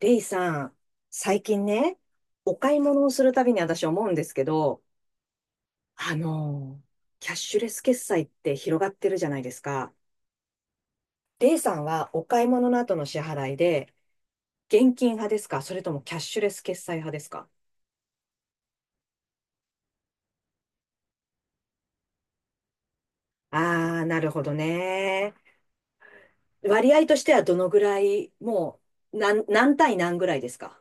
レイさん、最近ね、お買い物をするたびに私思うんですけど、あのー、キャッシュレス決済って広がってるじゃないですか。レイさんはお買い物の後の支払いで、現金派ですか、それともキャッシュレス決済派ですか？あー、なるほどね。割合としてはどのぐらい、もう、何対何ぐらいですか？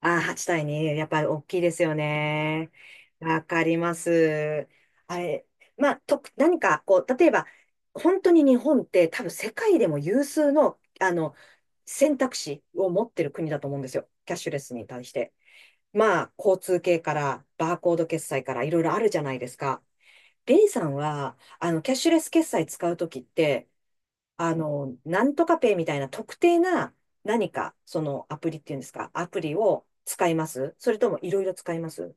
ああ、8対2、やっぱり大きいですよね。わかります。あれ、まあ、何か、こう、例えば、本当に日本って多分世界でも有数の、選択肢を持ってる国だと思うんですよ。キャッシュレスに対して。まあ、交通系から、バーコード決済から、いろいろあるじゃないですか。レイさんは、キャッシュレス決済使うときって、なんとかペイみたいな特定な何か、そのアプリっていうんですか、アプリを使います、それともいろいろ使います？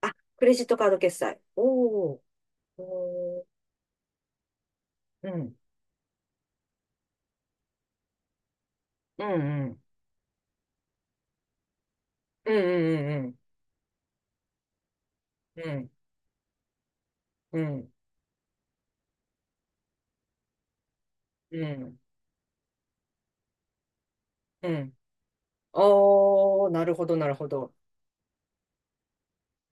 あ、クレジットカード決済。おーおー、うん、うん、うん、うん、うん、うん、うん、うん、うん、うん。おー、なるほど、なるほど。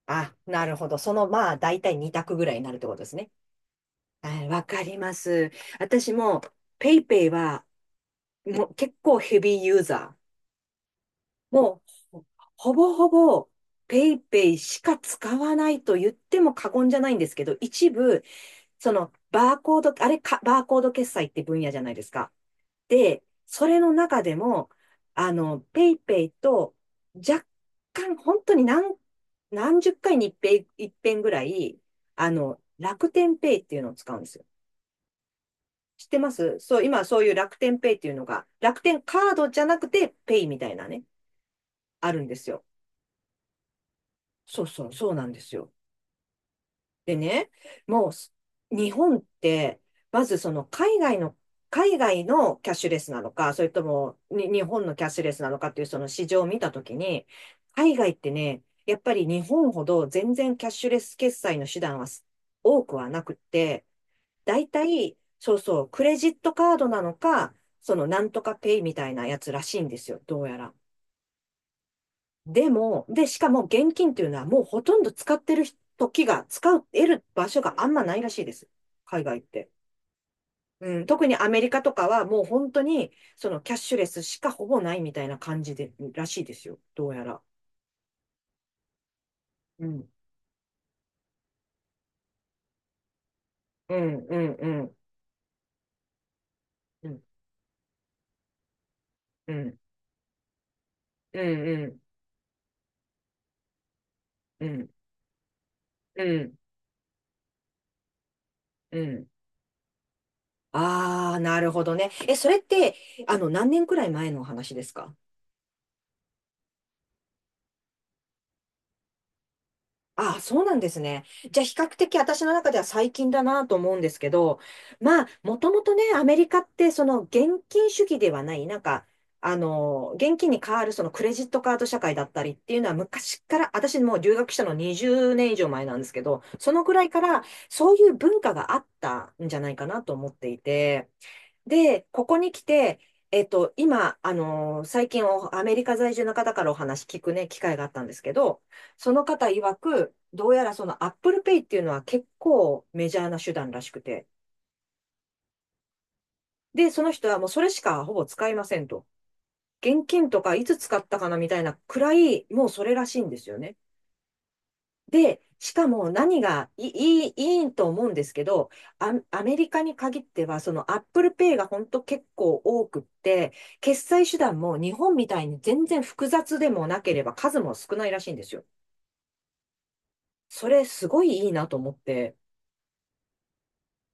あ、なるほど。その、まあ、だいたい2択ぐらいになるってことですね。はい、わかります。私も、ペイペイは、もう結構ヘビーユーザー。もう、ほぼほぼ、ペイペイしか使わないと言っても過言じゃないんですけど、一部、その、バーコード決済って分野じゃないですか。で、それの中でも、ペイペイと、若干、本当に何十回に一遍ぐらい、楽天ペイっていうのを使うんですよ。知ってますそう、今そういう楽天ペイっていうのが、楽天カードじゃなくて、ペイみたいなね、あるんですよ。そうそう、そうなんですよ。でね、もうす日本って、まずその、海外のキャッシュレスなのか、それともに日本のキャッシュレスなのかっていうその市場を見たときに、海外ってね、やっぱり日本ほど全然キャッシュレス決済の手段は多くはなくって、だいたい、そうそう、クレジットカードなのか、そのなんとかペイみたいなやつらしいんですよ、どうやら。でも、しかも現金っていうのはもうほとんど使ってる時が、使う、得る場所があんまないらしいです。海外って。うん、特にアメリカとかはもう本当にそのキャッシュレスしかほぼないみたいな感じで、らしいですよ。どうやら。うん、うん、うん、うん、うん、うん、うん、うん、うん、うん。ああー、なるほどね。え、それって、何年くらい前の話ですか？ああ、そうなんですね。じゃあ、比較的私の中では最近だなと思うんですけど、まあ、もともとね、アメリカって、その現金主義ではない、なんか、現金に代わるそのクレジットカード社会だったりっていうのは昔から、私もう留学したの20年以上前なんですけど、そのぐらいからそういう文化があったんじゃないかなと思っていて、で、ここに来て、今、最近アメリカ在住の方からお話聞くね、機会があったんですけど、その方曰く、どうやらその Apple Pay っていうのは結構メジャーな手段らしくて、で、その人はもうそれしかほぼ使いませんと。現金とかいつ使ったかなみたいなくらい、もうそれらしいんですよね。で、しかも何がいい、いいと思うんですけど、アメリカに限っては、その Apple Pay が本当結構多くって、決済手段も日本みたいに全然複雑でもなければ数も少ないらしいんですよ。それすごいいいなと思って、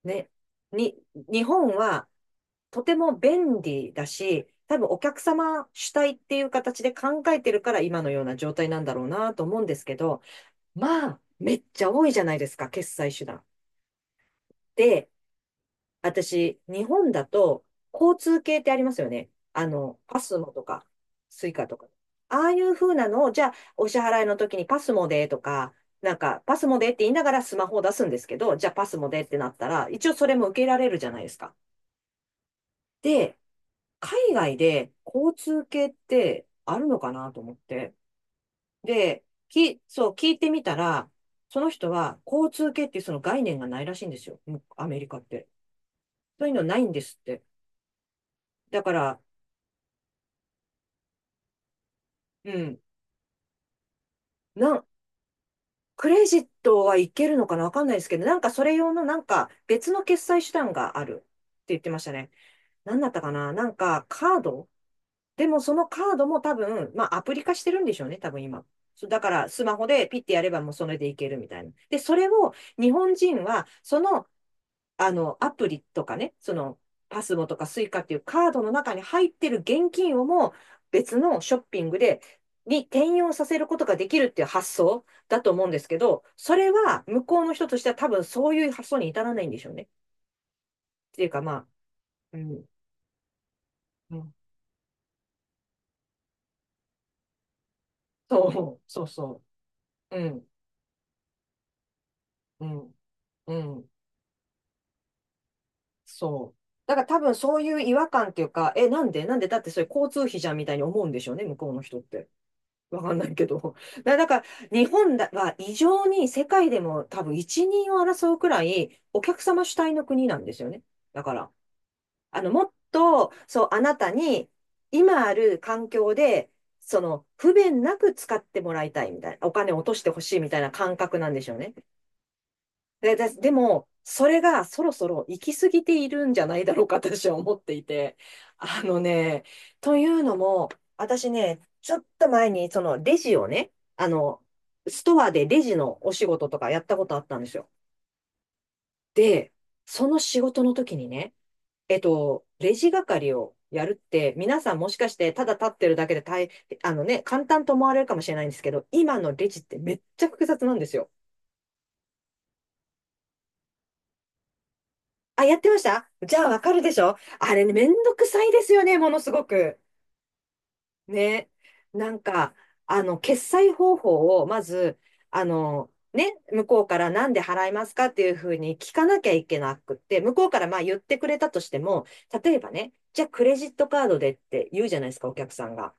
ね、に、日本はとても便利だし、多分お客様主体っていう形で考えてるから今のような状態なんだろうなと思うんですけど、まあ、めっちゃ多いじゃないですか、決済手段。で私、日本だと、交通系ってありますよね。パスモとか、スイカとか。ああいう風なのを、じゃあ、お支払いの時にパスモでとか、なんか、パスモでって言いながらスマホを出すんですけど、じゃあパスモでってなったら、一応それも受けられるじゃないですか。で、海外で交通系ってあるのかなと思って。で、そう、聞いてみたら、その人は交通系っていうその概念がないらしいんですよ。もうアメリカって。そういうのないんですって。だから、うん。なん、クレジットはいけるのかなわかんないですけど、なんかそれ用のなんか別の決済手段があるって言ってましたね。何だったかななんかカードでもそのカードも多分、まあアプリ化してるんでしょうね、多分今。そうだからスマホでピッてやればもうそれでいけるみたいな。で、それを日本人はアプリとかね、その、パスモとかスイカっていうカードの中に入ってる現金をも別のショッピングに転用させることができるっていう発想だと思うんですけど、それは向こうの人としては多分そういう発想に至らないんでしょうね。っていうかまあ、うん、うん、そう、そうそう、うん、うん、うん、そう。だから多分そういう違和感っていうか、え、なんでなんでだってそれ交通費じゃんみたいに思うんでしょうね、向こうの人って。わかんないけど。だから、日本だは異常に世界でも多分一人を争うくらいお客様主体の国なんですよね。だから、もっと、そう、あなたに今ある環境で、その、不便なく使ってもらいたいみたいな、お金を落としてほしいみたいな感覚なんでしょうね。でも、それがそろそろ行き過ぎているんじゃないだろうか、私は思っていて。あのね、というのも、私ね、ちょっと前に、そのレジをね、あの、ストアでレジのお仕事とかやったことあったんですよ。で、その仕事の時にね、レジ係をやるって、皆さんもしかしてただ立ってるだけであのね、簡単と思われるかもしれないんですけど、今のレジってめっちゃ複雑なんですよ。あ、やってましたじゃあわかるでしょあれね、めんどくさいですよね、ものすごく。ね。なんか、決済方法を、まず、ね、向こうからなんで払いますかっていうふうに聞かなきゃいけなくって、向こうからまあ言ってくれたとしても、例えばね、じゃあクレジットカードでって言うじゃないですか、お客さんが。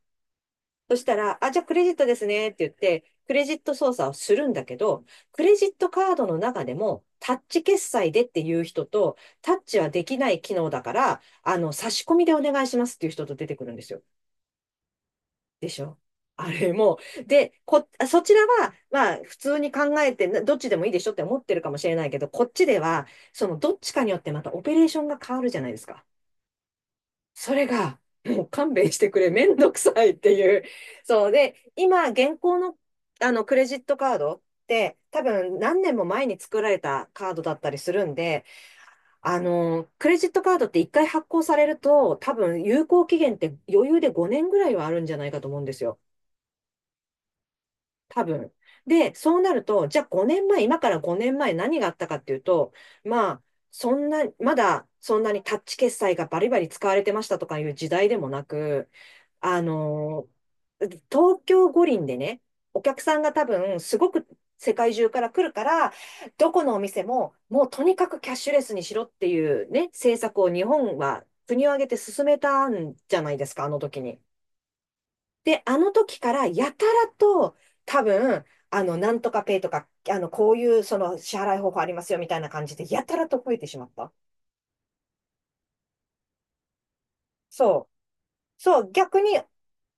そしたら、あ、じゃあクレジットですねって言って、クレジット操作をするんだけど、クレジットカードの中でも、タッチ決済でっていう人と、タッチはできない機能だから、差し込みでお願いしますっていう人と出てくるんですよ。でしょ？あれもう、で、こ、そちらは、まあ、普通に考えて、などっちでもいいでしょって思ってるかもしれないけど、こっちでは、その、どっちかによってまたオペレーションが変わるじゃないですか。それが、もう勘弁してくれ、めんどくさいっていう。そうで、今、現行の、クレジットカードって、多分何年も前に作られたカードだったりするんで、クレジットカードって一回発行されると、多分有効期限って余裕で5年ぐらいはあるんじゃないかと思うんですよ。多分。で、そうなると、じゃあ5年前、今から5年前何があったかっていうと、まあ、そんな、まだそんなにタッチ決済がバリバリ使われてましたとかいう時代でもなく、あのー東京五輪でね、お客さんが多分すごく世界中から来るから、どこのお店ももうとにかくキャッシュレスにしろっていうね、政策を日本は国を挙げて進めたんじゃないですか、あの時に。で、あの時からやたらと多分、なんとかペイとか、こういうその支払い方法ありますよみたいな感じで、やたらと増えてしまった。そう。そう、逆に、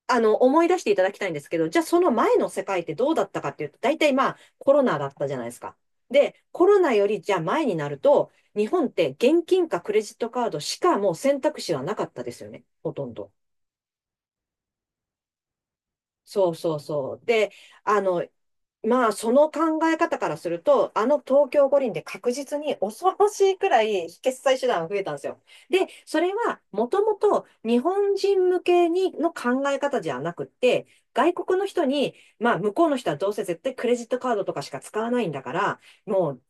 思い出していただきたいんですけど、じゃあその前の世界ってどうだったかっていうと、大体まあ、コロナだったじゃないですか。で、コロナよりじゃあ前になると、日本って現金かクレジットカードしかもう選択肢はなかったですよね。ほとんど。そうそうそう。で、あの、まあ、その考え方からすると、あの東京五輪で確実に恐ろしいくらい決済手段が増えたんですよ。で、それはもともと日本人向けにの考え方じゃなくって、外国の人に、まあ、向こうの人はどうせ絶対クレジットカードとかしか使わないんだから、もう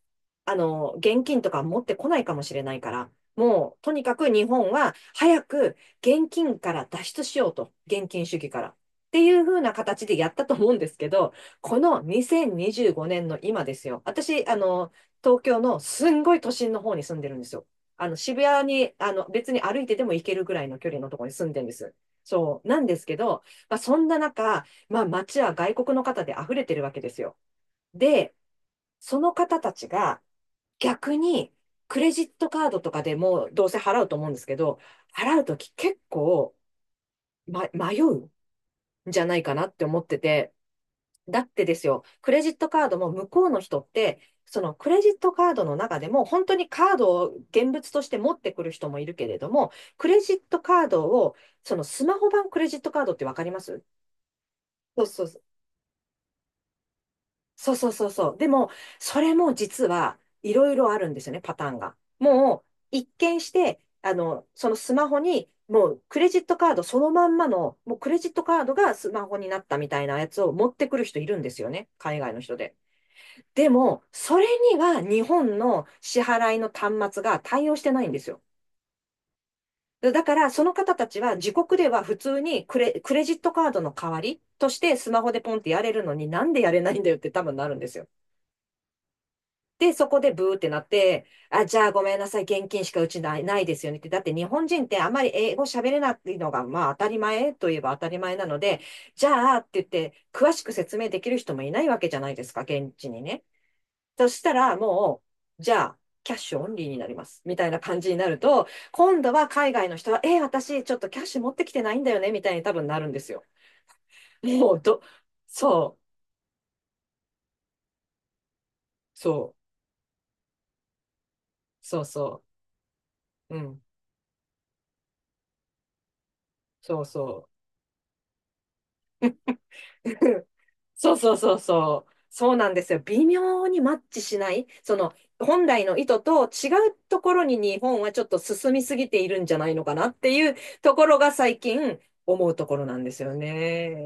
現金とか持ってこないかもしれないから、もう、とにかく日本は早く現金から脱出しようと。現金主義から。っていう風な形でやったと思うんですけど、この2025年の今ですよ。私、東京のすんごい都心の方に住んでるんですよ。あの、渋谷に、あの、別に歩いてでも行けるぐらいの距離のところに住んでるんです。そう、なんですけど、まあ、そんな中、まあ、街は外国の方で溢れてるわけですよ。で、その方たちが、逆に、クレジットカードとかでもどうせ払うと思うんですけど、払うとき結構、ま、迷うんじゃないかなって思ってて、だってですよ、クレジットカードも向こうの人って、そのクレジットカードの中でも本当にカードを現物として持ってくる人もいるけれども、クレジットカードを、そのスマホ版クレジットカードってわかります？そうそう、そうそうそうそう。でも、それも実はいろいろあるんですよね、パターンが。もう、一見して、そのスマホに、もうクレジットカードそのまんまの、もうクレジットカードがスマホになったみたいなやつを持ってくる人いるんですよね、海外の人で。でも、それには日本の支払いの端末が対応してないんですよ。だから、その方たちは自国では普通にクレジットカードの代わりとしてスマホでポンってやれるのになんでやれないんだよって多分なるんですよ。で、そこでブーってなって、あ、じゃあごめんなさい、現金しかうちないですよねって。だって日本人ってあまり英語喋れないのが、まあ当たり前といえば当たり前なので、じゃあって言って、詳しく説明できる人もいないわけじゃないですか、現地にね。そしたらもう、じゃあ、キャッシュオンリーになります。みたいな感じになると、今度は海外の人は、えー、私ちょっとキャッシュ持ってきてないんだよね、みたいに多分なるんですよ。もうど、そう、そう、そうそう、うん、そうそう。そうそうそうそう。そうなんですよ。微妙にマッチしない。その、本来の意図と違うところに日本はちょっと進みすぎているんじゃないのかなっていうところが最近思うところなんですよね。